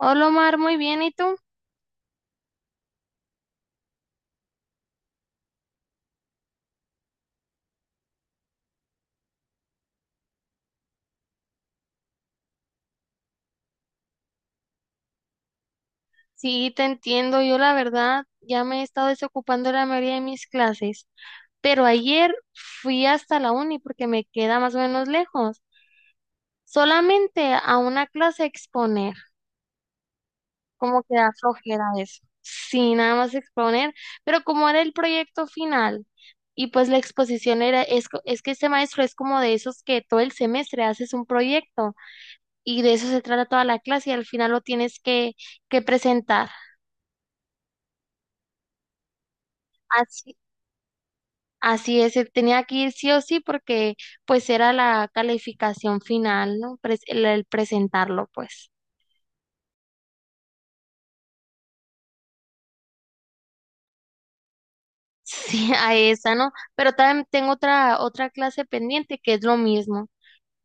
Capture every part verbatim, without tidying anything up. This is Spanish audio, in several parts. Hola Omar, muy bien, ¿y tú? Sí, te entiendo, yo la verdad ya me he estado desocupando la mayoría de mis clases, pero ayer fui hasta la uni porque me queda más o menos lejos, solamente a una clase a exponer, como que da flojera eso, sí, nada más exponer, pero como era el proyecto final y pues la exposición era, es, co- es que este maestro es como de esos que todo el semestre haces un proyecto y de eso se trata toda la clase y al final lo tienes que, que presentar. Así, así es, él tenía que ir sí o sí porque pues era la calificación final, ¿no? Pres- el, el presentarlo, pues. Sí, a esa, ¿no? Pero también tengo otra otra clase pendiente que es lo mismo,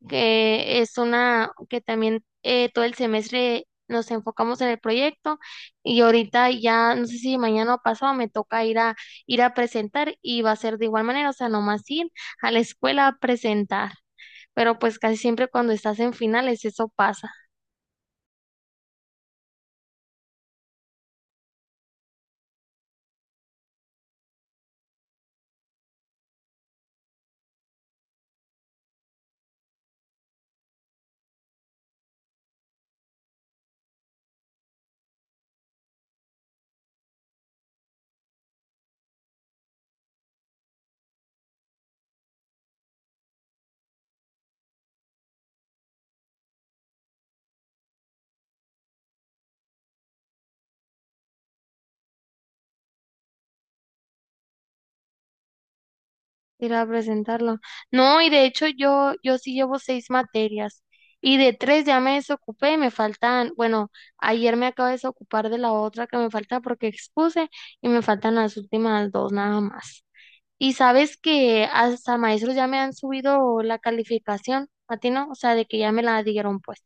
que es una que también eh, todo el semestre nos enfocamos en el proyecto y ahorita ya no sé si mañana o pasado me toca ir a ir a presentar y va a ser de igual manera, o sea, nomás ir a la escuela a presentar. Pero pues casi siempre cuando estás en finales eso pasa. Ir a presentarlo. No, y de hecho yo, yo sí llevo seis materias y de tres ya me desocupé, me faltan, bueno, ayer me acabo de desocupar de la otra que me falta porque expuse y me faltan las últimas dos nada más. Y sabes que hasta maestros ya me han subido la calificación, a ti no, o sea, de que ya me la dieron pues.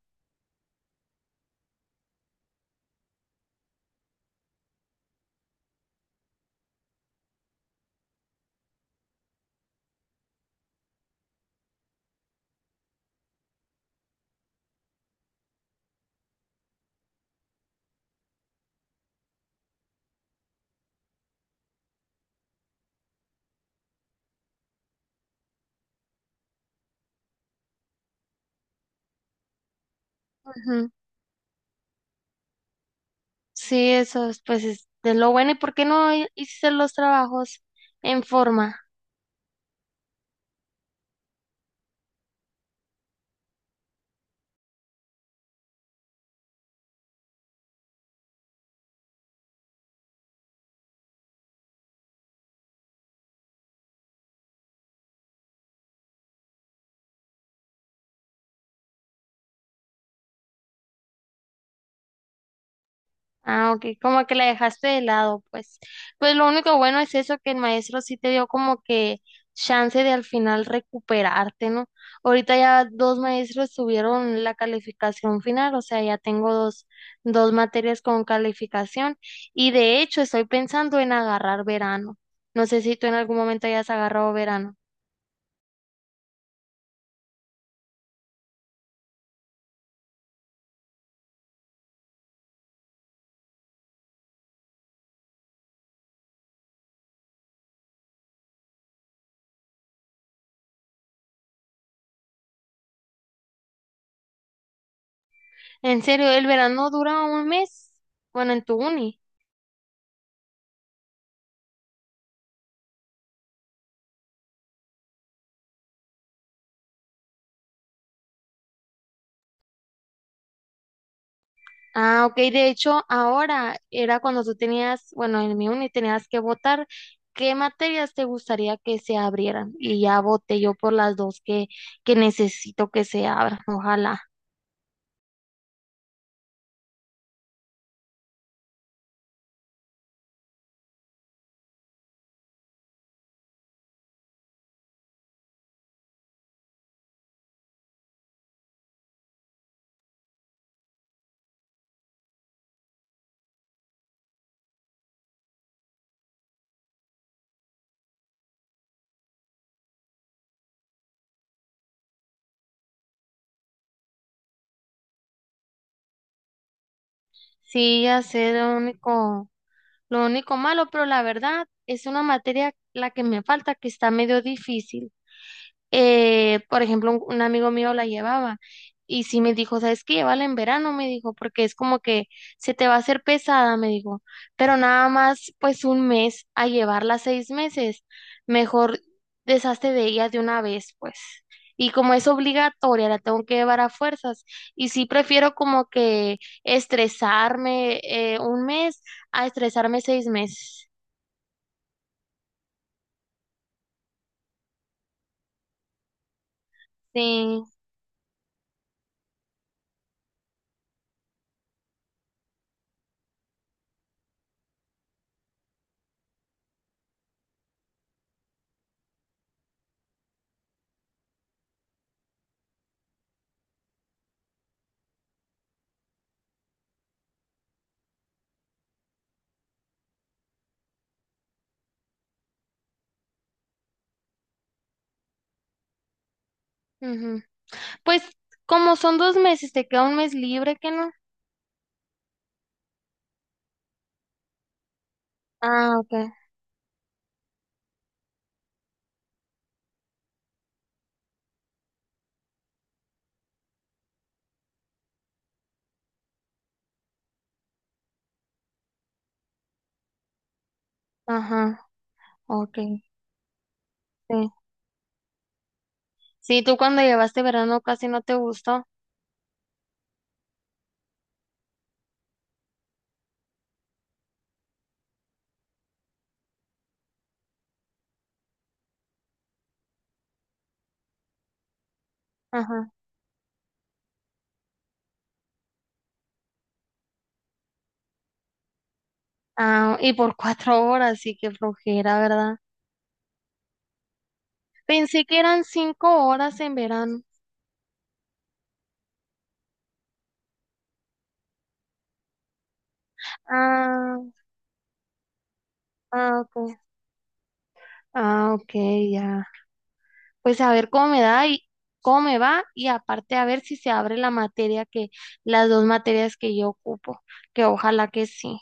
Ujú. Sí, eso es, pues es de lo bueno. ¿Y por qué no hi- hiciste los trabajos en forma? Ah, ok, como que la dejaste de lado, pues. Pues lo único bueno es eso, que el maestro sí te dio como que chance de al final recuperarte, ¿no? Ahorita ya dos maestros subieron la calificación final, o sea, ya tengo dos, dos materias con calificación y de hecho estoy pensando en agarrar verano. No sé si tú en algún momento hayas agarrado verano. En serio, ¿el verano dura un mes? Bueno, en tu uni. Ah, ok. De hecho, ahora era cuando tú tenías, bueno, en mi uni tenías que votar qué materias te gustaría que se abrieran. Y ya voté yo por las dos que, que necesito que se abran. Ojalá. Sí, ya sé lo único, lo único malo, pero la verdad es una materia la que me falta que está medio difícil. Eh, por ejemplo, un, un amigo mío la llevaba y sí me dijo, ¿sabes qué? Llévala en verano, me dijo, porque es como que se te va a hacer pesada, me dijo, pero nada más pues un mes a llevarla seis meses, mejor deshazte de ella de una vez, pues. Y como es obligatoria, la tengo que llevar a fuerzas. Y sí prefiero como que estresarme eh, un mes a estresarme seis meses. Sí. Ujú. Pues como son dos meses, te queda un mes libre, que ¿no? Ah, ok. Ajá, ok. Sí. Sí, tú cuando llevaste verano casi no te gustó. Ajá. Ah, y por cuatro horas, sí que flojera, ¿verdad? Pensé que eran cinco horas en verano. Ah, ah, ok. Ah, ok, ya. Pues a ver cómo me da y cómo me va y aparte a ver si se abre la materia que, las dos materias que yo ocupo, que ojalá que sí.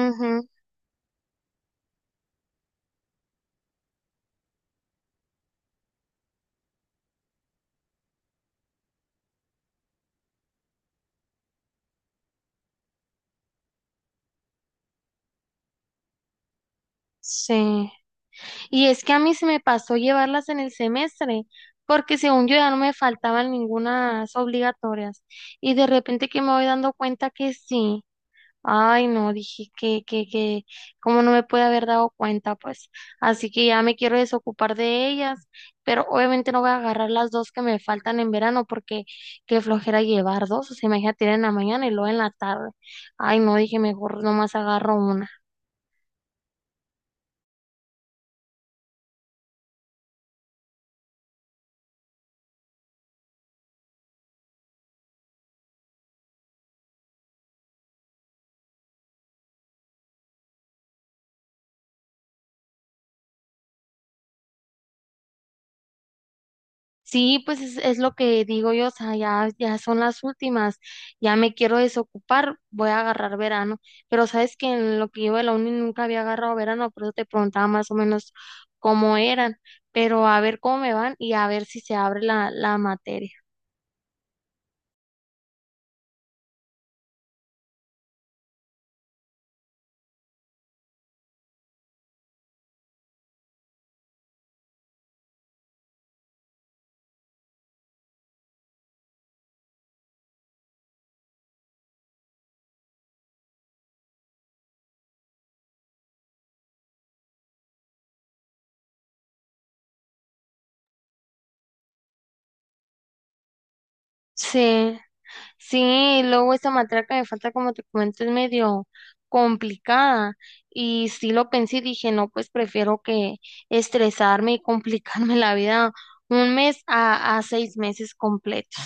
Ujú, sí. Y es que a mí se me pasó llevarlas en el semestre, porque según yo ya no me faltaban ningunas obligatorias. Y de repente que me voy dando cuenta que sí. Ay, no, dije que, que, que, cómo no me puede haber dado cuenta, pues. Así que ya me quiero desocupar de ellas, pero obviamente no voy a agarrar las dos que me faltan en verano, porque qué flojera llevar dos, o sea, imagínate ir en la mañana y luego en la tarde. Ay, no, dije mejor nomás agarro una. Sí, pues es, es lo que digo yo, o sea, ya, ya son las últimas, ya me quiero desocupar, voy a agarrar verano, pero sabes que en lo que yo de la uni nunca había agarrado verano, por eso te preguntaba más o menos cómo eran, pero a ver cómo me van y a ver si se abre la, la materia. Sí. Sí, luego esa matraca de falta, como te comento, es medio complicada. Y sí lo pensé y dije, no, pues prefiero que estresarme y complicarme la vida un mes a, a seis meses completos.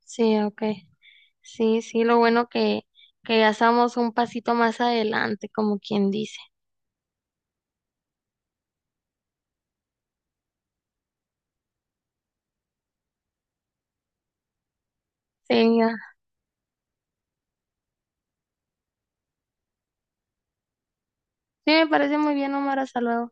Sí, ok. Sí, sí, lo bueno que, que ya estamos un pasito más adelante, como quien dice. Sí, ya. Sí, me parece muy bien, Omar, hasta luego.